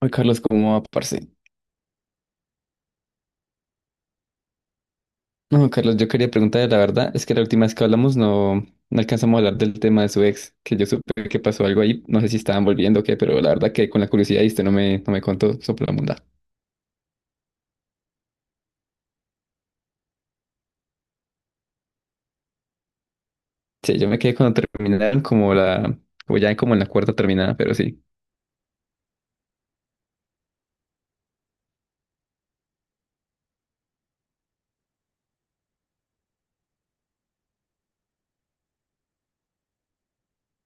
Ay, Carlos, ¿cómo va, parce? No, Carlos, yo quería preguntar, la verdad, es que la última vez que hablamos no alcanzamos a hablar del tema de su ex, que yo supe que pasó algo ahí, no sé si estaban volviendo o qué, pero la verdad que con la curiosidad y usted no me contó sobre la mundad. Sí, yo me quedé cuando terminaron como ya como en la cuarta terminada, pero sí.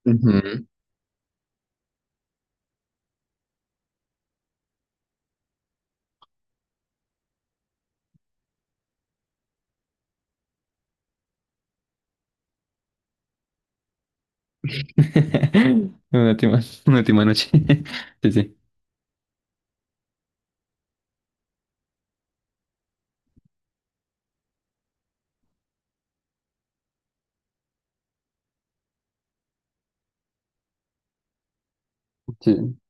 Ujú. Una última, una última noche. Sí, sí. Sí,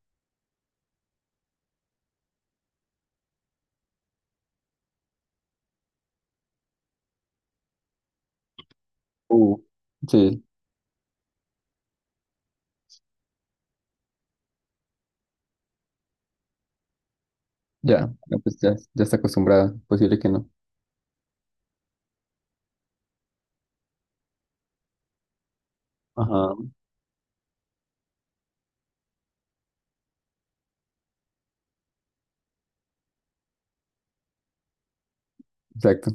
uh, sí, ya, no, pues ya, ya está acostumbrada, posible que no. Ajá, exacto.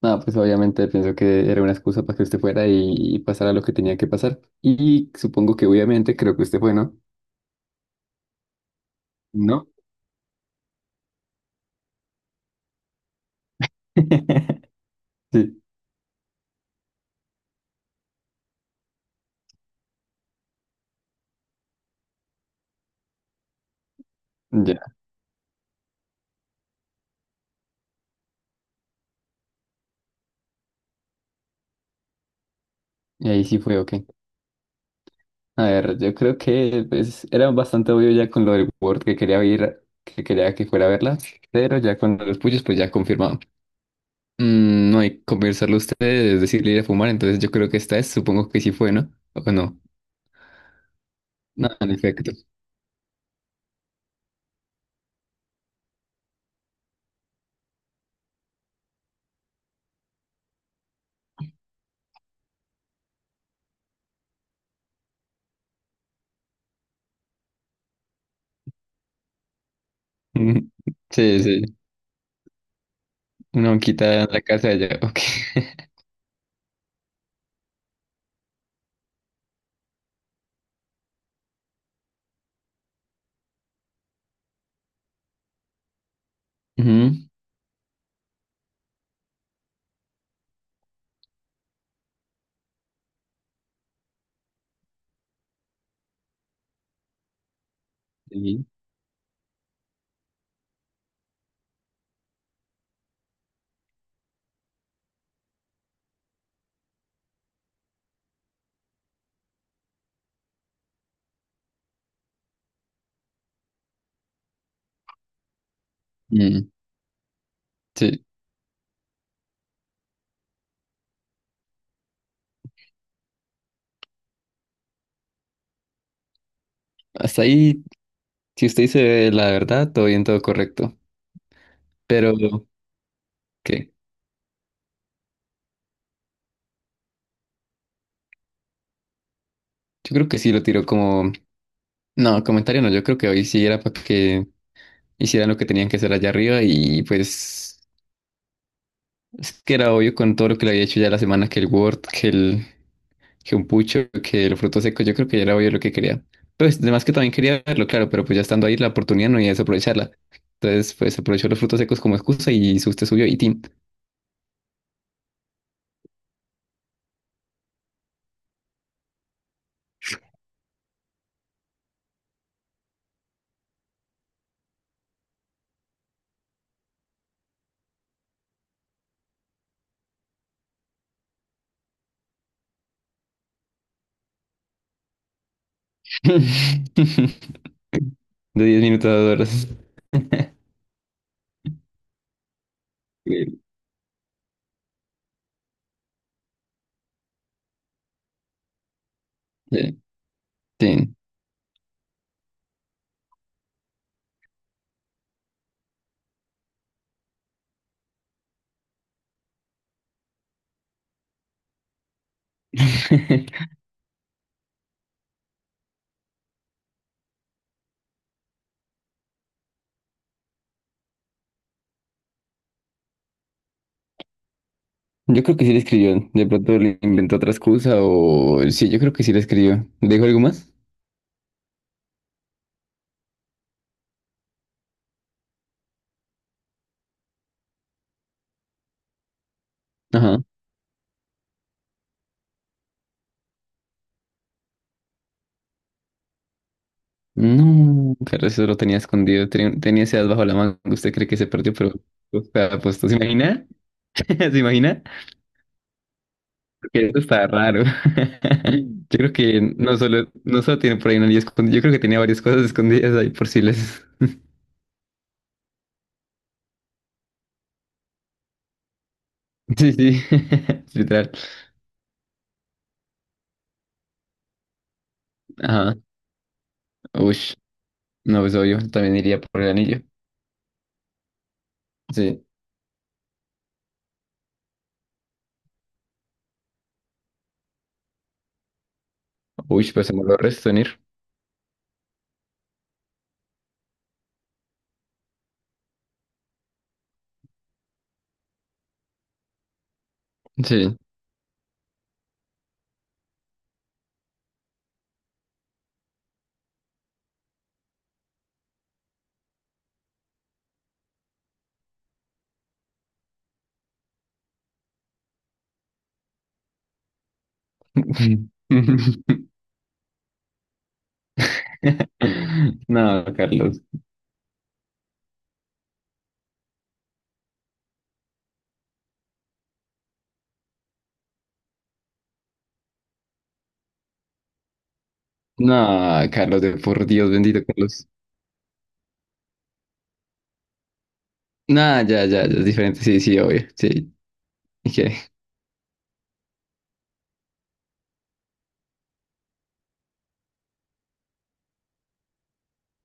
No, pues obviamente pienso que era una excusa para que usted fuera y pasara lo que tenía que pasar. Y supongo que obviamente creo que usted fue, ¿no? ¿No? Sí, ya. Y ahí sí fue, ok. A ver, yo creo que pues, era bastante obvio ya con lo del Word que quería ir, que quería que fuera a verla, pero ya con los puyos, pues ya confirmado. Mm, no hay que conversarlo a ustedes, decirle ir a fumar, entonces yo creo que esta es, supongo que sí fue, ¿no? ¿O no? No, en efecto. Sí, sí. Una banquita en la casa de allá, ok. Ujú, sí. Mm, sí. Hasta ahí, si usted dice la verdad, todo bien, todo correcto. Pero, ¿qué? Yo creo que sí lo tiró como... No, comentario no, yo creo que hoy sí era para que hicieran lo que tenían que hacer allá arriba y pues es que era obvio con todo lo que le había hecho ya la semana, que el Word, que un pucho, que el fruto seco, yo creo que ya era obvio lo que quería. Pues además que también quería verlo, claro, pero pues ya estando ahí la oportunidad no iba a desaprovecharla. Entonces, pues aprovechó los frutos secos como excusa y usted subió y team. De 10 minutos a 2 horas. Sí, sí. Yo creo que sí le escribió. De pronto le inventó otra excusa o... Sí, yo creo que sí le escribió. ¿Dijo algo más? Ajá. No, claro, eso lo tenía escondido. Tenía ese as bajo la manga. Usted cree que se perdió, pero... O sea, pues, ¿se imagina? ¿Se imagina? Que eso está raro. Yo creo que no solo tiene por ahí una lía escondida. Yo creo que tenía varias cosas escondidas ahí por si les... Sí, sí, literal. Ajá, uy, no, pues obvio, también iría por el anillo. Sí, uy, pues se me lo resto en ir. Sí. No, Carlos. No, Carlos, de por Dios, bendito Carlos. No, ya, ya, ya, es diferente, sí, sí, obvio, sí. ¿Y qué?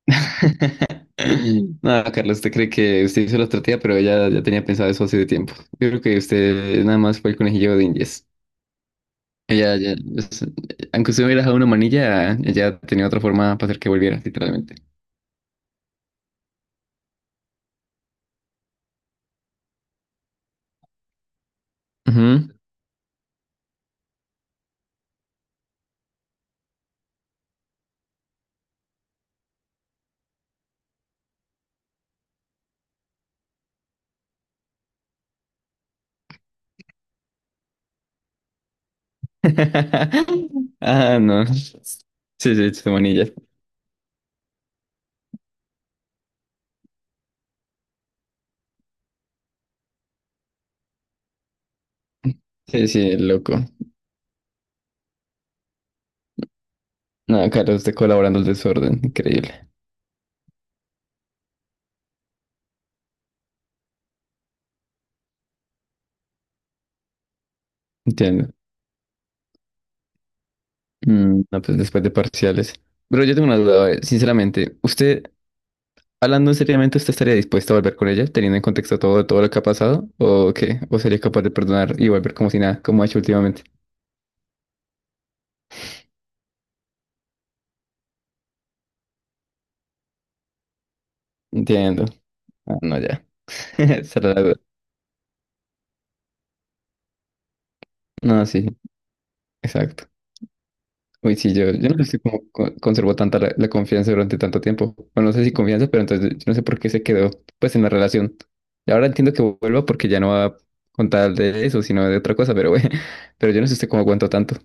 No, Carlos, usted cree que usted hizo la estrategia, pero ella ya tenía pensado eso hace tiempo. Yo creo que usted nada más fue el conejillo de Indias. Ella, ya, es- aunque usted hubiera dejado una manilla, ella tenía otra forma para hacer que volviera, literalmente. Ujú. Ah, no. Sí, sí, Chumonilla. Sí, sí, loco. No, claro, usted colaborando el desorden. Increíble. Entiendo. Mm, no, pues después de parciales. Pero yo tengo una duda, sinceramente. ¿Usted, hablando seriamente, usted estaría dispuesto a volver con ella, teniendo en contexto todo, todo lo que ha pasado? ¿O qué? ¿O sería capaz de perdonar y volver como si nada, como ha hecho últimamente? Entiendo. Ah, no, ya. Esa era la duda. No, sí, exacto. Uy, sí, yo no sé cómo conservó tanta la confianza durante tanto tiempo. Bueno, no sé si confianza, pero entonces yo no sé por qué se quedó pues en la relación. Y ahora entiendo que vuelva porque ya no va a contar de eso, sino de otra cosa, pero bueno, pero yo no sé usted cómo aguantó tanto.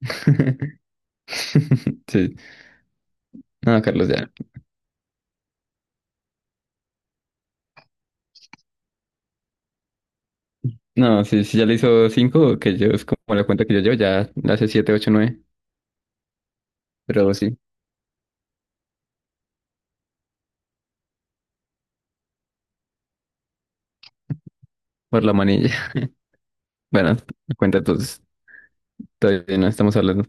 Sí, no, Carlos, ya. No, sí, sí, ya le hizo cinco, que yo es como la cuenta que yo llevo, ya le hace siete, ocho, nueve, pero sí, por la manilla. Bueno, la cuenta entonces, todavía no estamos hablando.